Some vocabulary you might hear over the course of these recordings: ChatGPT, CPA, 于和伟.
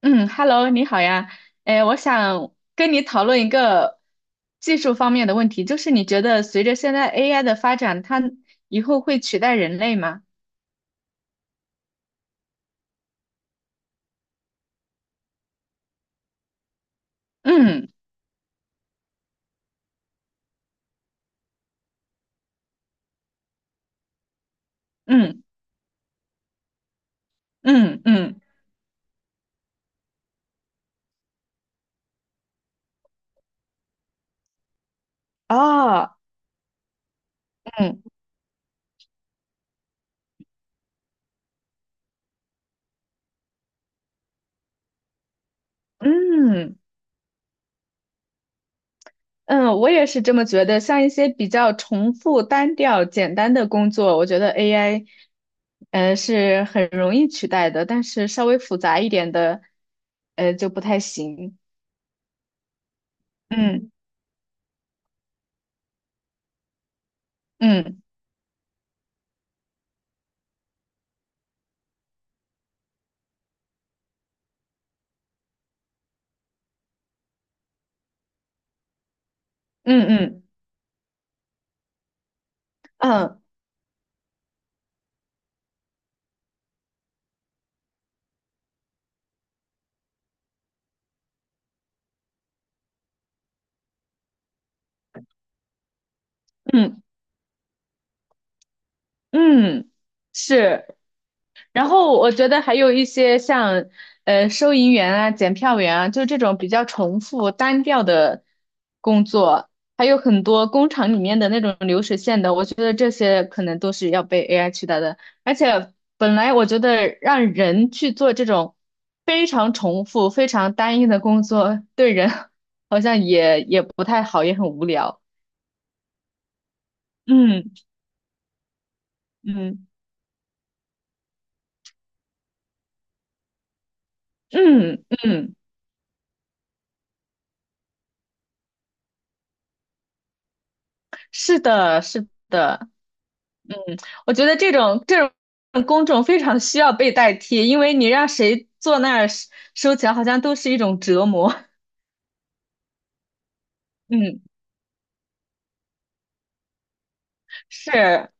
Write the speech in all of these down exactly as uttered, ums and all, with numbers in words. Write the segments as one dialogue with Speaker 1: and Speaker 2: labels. Speaker 1: 嗯，Hello，你好呀。哎，我想跟你讨论一个技术方面的问题，就是你觉得随着现在 A I 的发展，它以后会取代人类吗？嗯嗯嗯嗯，哦，嗯嗯嗯，我也是这么觉得。像一些比较重复、单调、简单的工作，我觉得 A I，呃，是很容易取代的，但是稍微复杂一点的，呃，就不太行。嗯嗯嗯嗯。嗯嗯嗯，是。然后我觉得还有一些像呃收银员啊、检票员啊，就这种比较重复单调的工作，还有很多工厂里面的那种流水线的，我觉得这些可能都是要被 A I 取代的。而且本来我觉得让人去做这种非常重复、非常单一的工作，对人 好像也也不太好，也很无聊。嗯嗯嗯嗯。是的，是的，嗯，我觉得这种这种公众非常需要被代替，因为你让谁坐那儿收收钱，好像都是一种折磨。嗯，是，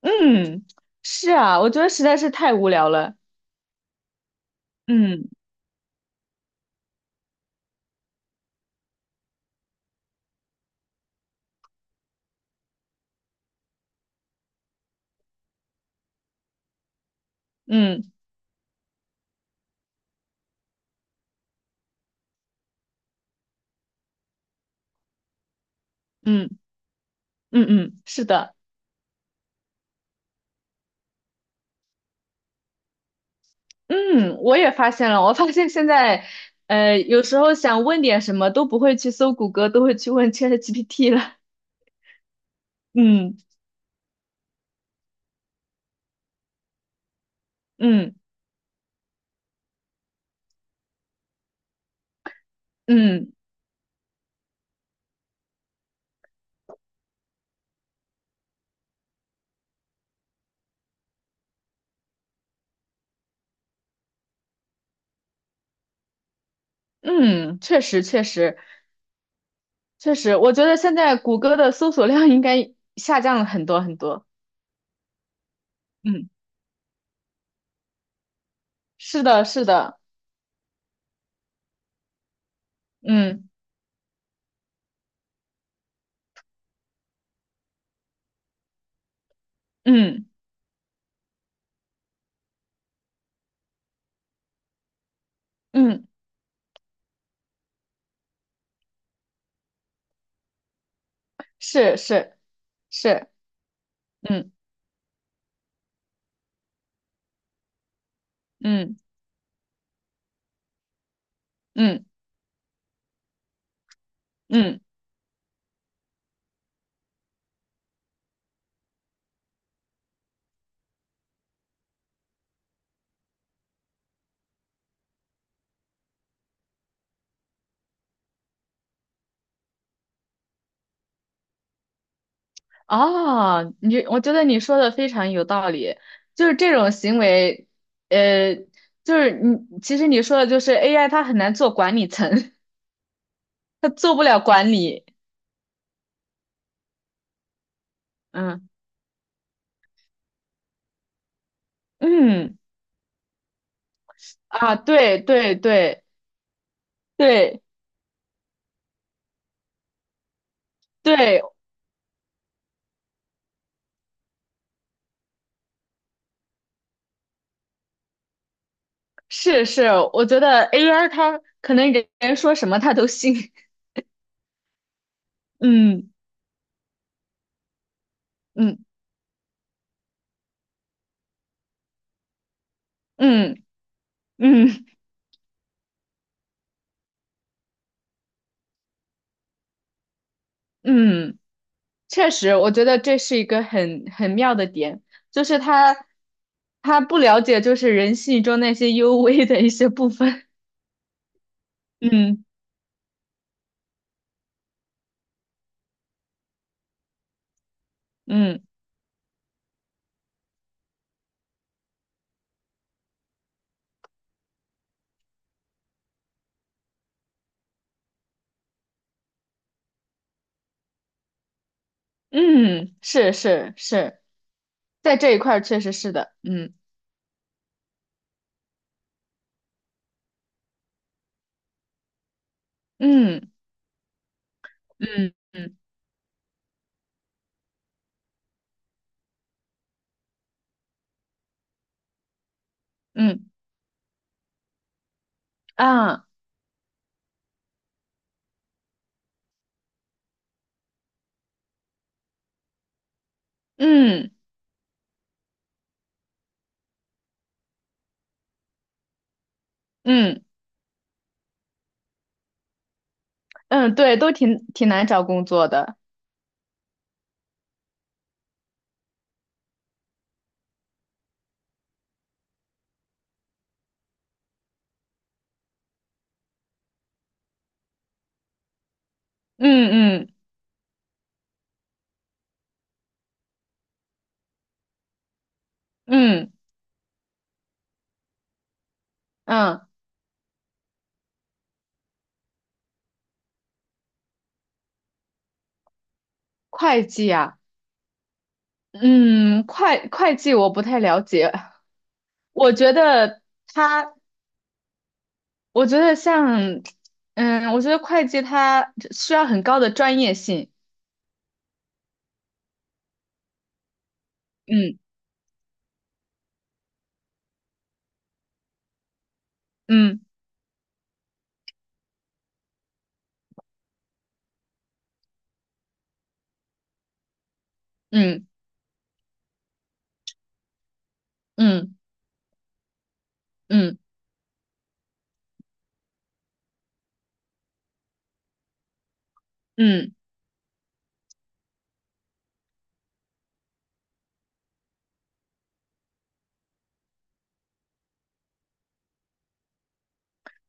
Speaker 1: 嗯，是啊，我觉得实在是太无聊了。嗯嗯嗯嗯嗯，是的，嗯，我也发现了，我发现现在，呃，有时候想问点什么都不会去搜谷歌，都会去问 ChatGPT 了。嗯嗯嗯嗯，确实确实。确实，我觉得现在谷歌的搜索量应该下降了很多很多。嗯，是的，是的，嗯嗯嗯，是是是，嗯嗯嗯嗯，啊，你我觉得你说的非常有道理，就是这种行为，呃，就是你其实你说的就是 A I 它很难做管理层，它做不了管理。嗯嗯啊，对对对对对，是是，我觉得 A I 它可能人人说什么它都信。嗯嗯嗯嗯嗯，确实，我觉得这是一个很很妙的点，就是他他不了解就是人性中那些幽微的一些部分。嗯嗯嗯，是是是，在这一块儿确实是的。嗯嗯嗯嗯嗯啊嗯嗯嗯，对，都挺挺难找工作的。嗯嗯嗯。嗯，会计啊，嗯，会会计我不太了解，我觉得他，我觉得像，嗯，我觉得会计它需要很高的专业性，嗯嗯嗯嗯嗯嗯，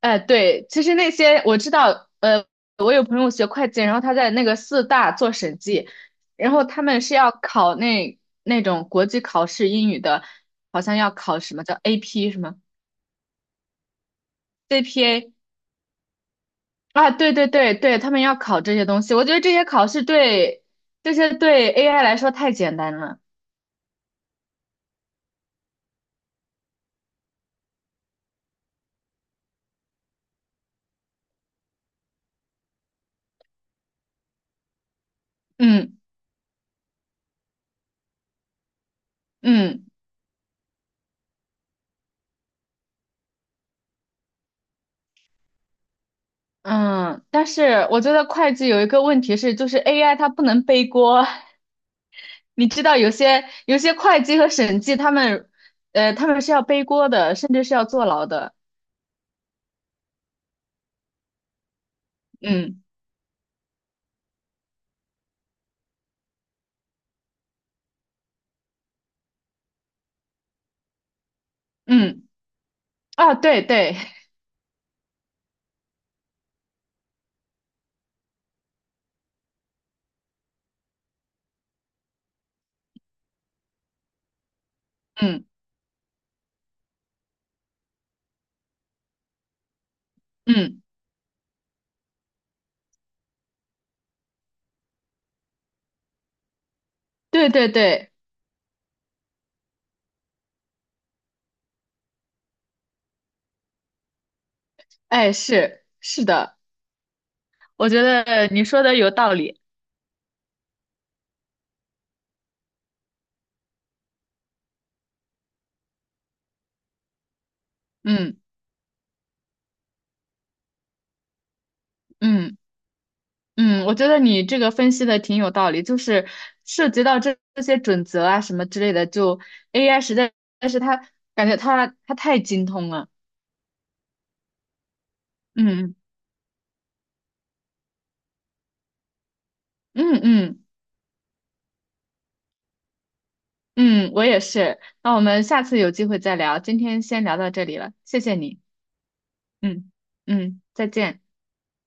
Speaker 1: 哎，对，其实那些我知道，呃，我有朋友学会计，然后他在那个四大做审计，然后他们是要考那那种国际考试英语的，好像要考什么叫 A P 什么 C P A。啊，对对对对，他们要考这些东西，我觉得这些考试对这些对 A I 来说太简单了。嗯嗯嗯，但是我觉得会计有一个问题是，就是 A I 它不能背锅。你知道有些有些会计和审计他们，呃，他们是要背锅的，甚至是要坐牢的。嗯嗯，啊，对对，嗯嗯，对对对，哎，是是的，我觉得你说的有道理。嗯嗯。嗯，我觉得你这个分析的挺有道理，就是涉及到这这些准则啊什么之类的，就 A I 实在但是它感觉它它太精通了。嗯嗯嗯嗯嗯，我也是。那我们下次有机会再聊，今天先聊到这里了，谢谢你。嗯嗯，再见。